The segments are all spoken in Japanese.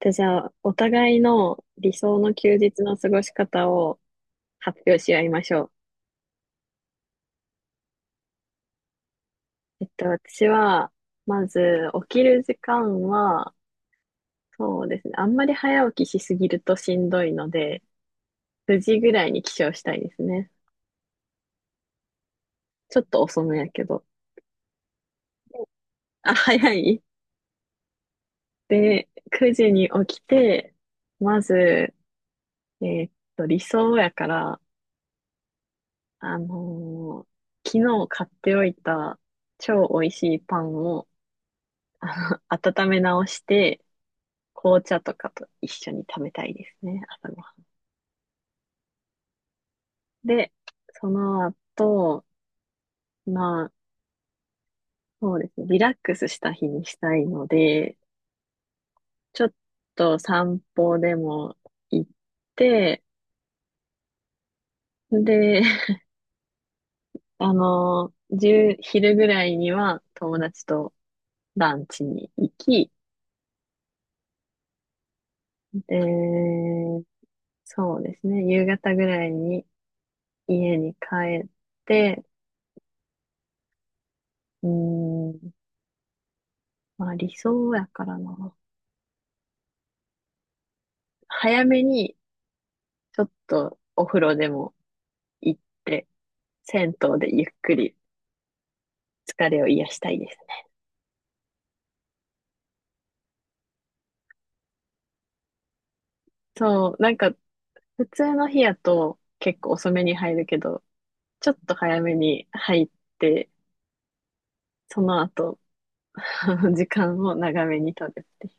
で、じゃあ、お互いの理想の休日の過ごし方を発表し合いましょう。私は、まず、起きる時間は、そうですね。あんまり早起きしすぎるとしんどいので、9時ぐらいに起床したいですね。ちょっと遅めやけど。あ、早いで、9時に起きて、まず、理想やから、あのー昨日買っておいた超美味しいパンを温め直して、紅茶とかと一緒に食べたいですね、朝ごはん。で、その後、まあ、そうですね、リラックスした日にしたいので、ちょっと散歩でも行って、で、1昼ぐらいには友達とランチに行き、で、そうですね、夕方ぐらいに家に帰って、うーん、まあ理想やからな。早めにちょっとお風呂でも行って、銭湯でゆっくり疲れを癒したいですね。そう、なんか普通の日やと結構遅めに入るけど、ちょっと早めに入って、その後、時間を長めに取るってい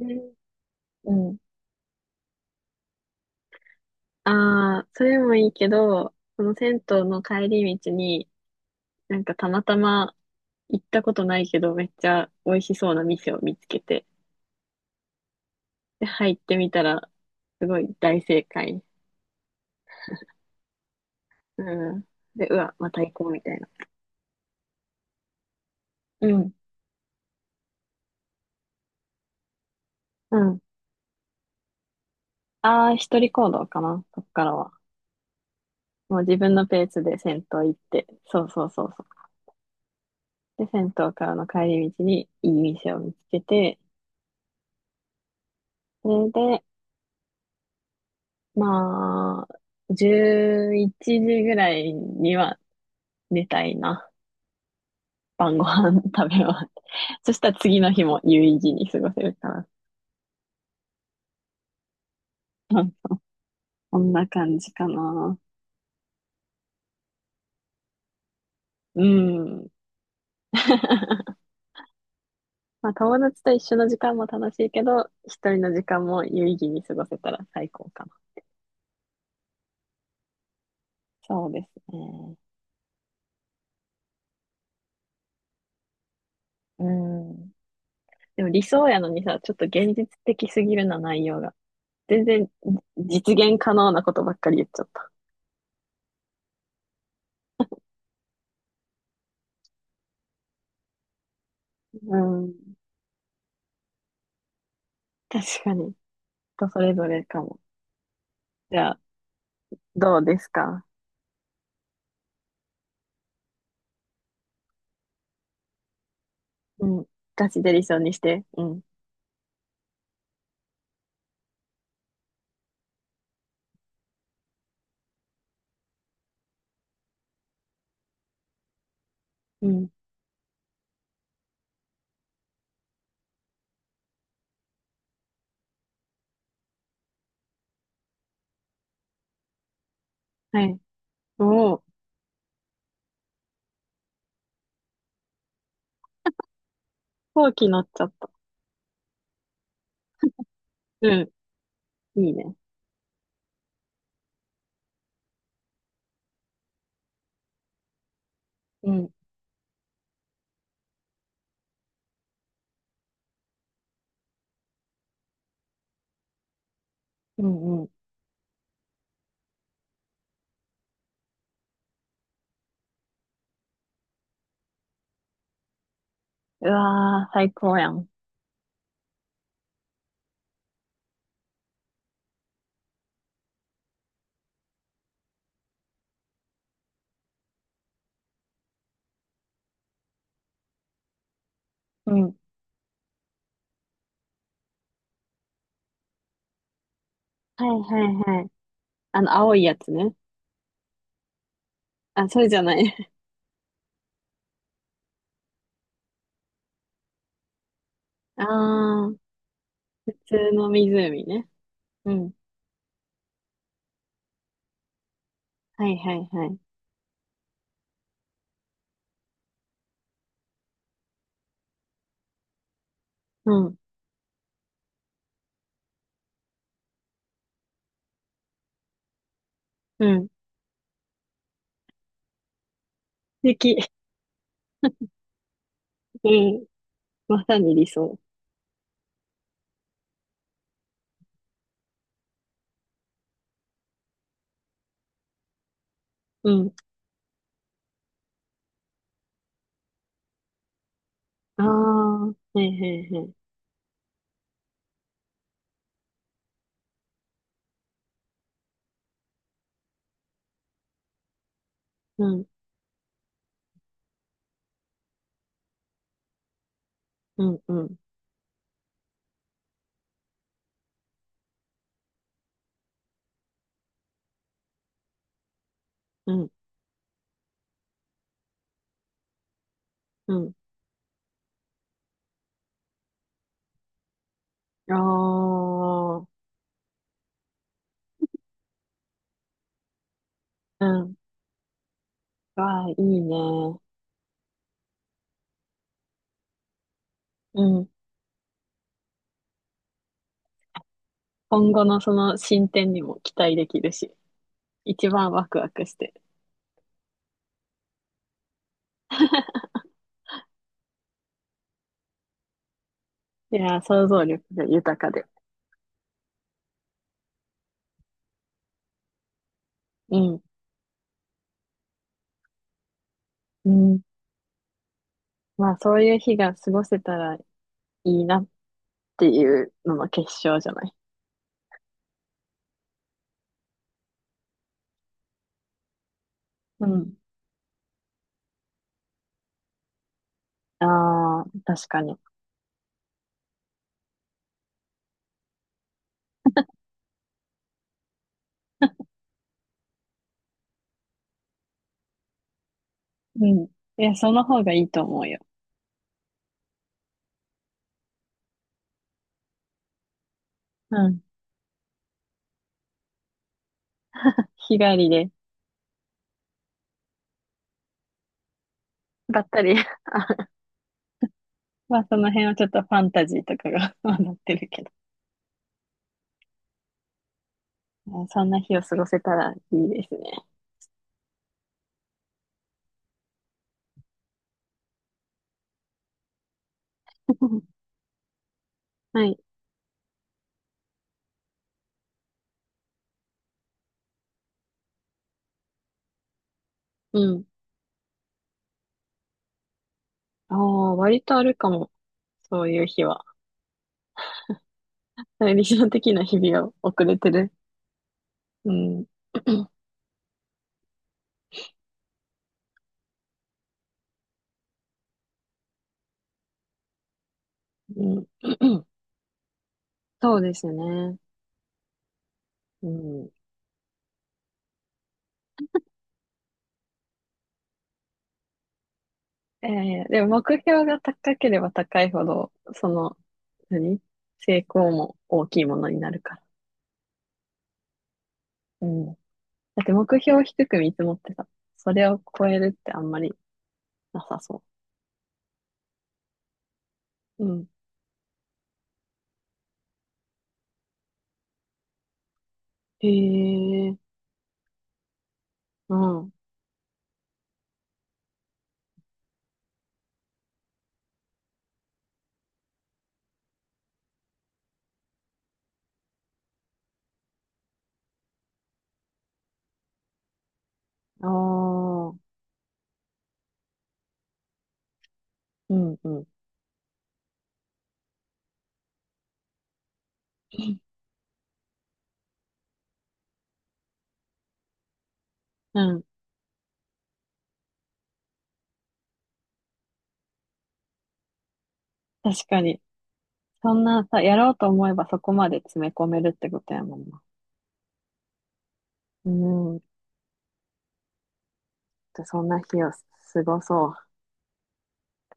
うね。うん。ああ、それもいいけど、その銭湯の帰り道に、なんかたまたま行ったことないけど、めっちゃ美味しそうな店を見つけて、で、入ってみたら、すごい大正解。うん。で、うわ、また行こうみたいな。うん。うん。ああ、一人行動かな、そっからは。もう自分のペースで銭湯行って、そうそうそうそう。で、銭湯からの帰り道にいい店を見つけて、それで、まあ、11時ぐらいには寝たいな。晩ご飯食べ終わって。そしたら次の日も有意義に過ごせるから。うん。そんな感じかな。うん。まあ、友達と一緒の時間も楽しいけど、一人の時間も有意義に過ごせたら最高かな。そうですね。うん。でも理想やのにさ、ちょっと現実的すぎるな、内容が。全然実現可能なことばっかり言っちゃった。うん。確かに。人それぞれかも。じゃあ、どうですか？うん。ガチで理想にして。うん。うん。はい。もう、後期乗っちゃった。うん。いいね。うん。うんうん。うわー、最高やん。うん。はいはいはい。あの、青いやつね。あ、それじゃない。ああ、普通の湖ね。うん。はいはいはい。うん。うん。素敵。うん。まさに理想。うん。ああ、はいはいはい。うん。うん。うん。うん。うん。ああ、うん。わあ、いいね。うん。今後のその進展にも期待できるし、一番ワクワクして。いやー、想像力が豊かで。うん。うん。まあそういう日が過ごせたらいいなっていうのの結晶じゃない。うん。ああ、確かに。うん。いや、その方がいいと思うよ。うん。日帰りで、ばったり。あまあ、その辺はちょっとファンタジーとかが 混ってるけど。まあそんな日を過ごせたらいいですね。はい。うん。ああ、割とあるかも。そういう日は。理想的な日々を送れてる。うん。うん。そうですね。うん。ええでも目標が高ければ高いほど、その、何成功も大きいものになるから。うん。だって目標を低く見積もってさ、それを超えるってあんまりなさそう。うん。へえ、うん。ああ、うん、うん。うん。確かに。そんなさ、やろうと思えばそこまで詰め込めるってことやもんな。うん。そんな日を過ごそう。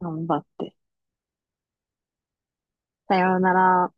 頑張って。さようなら。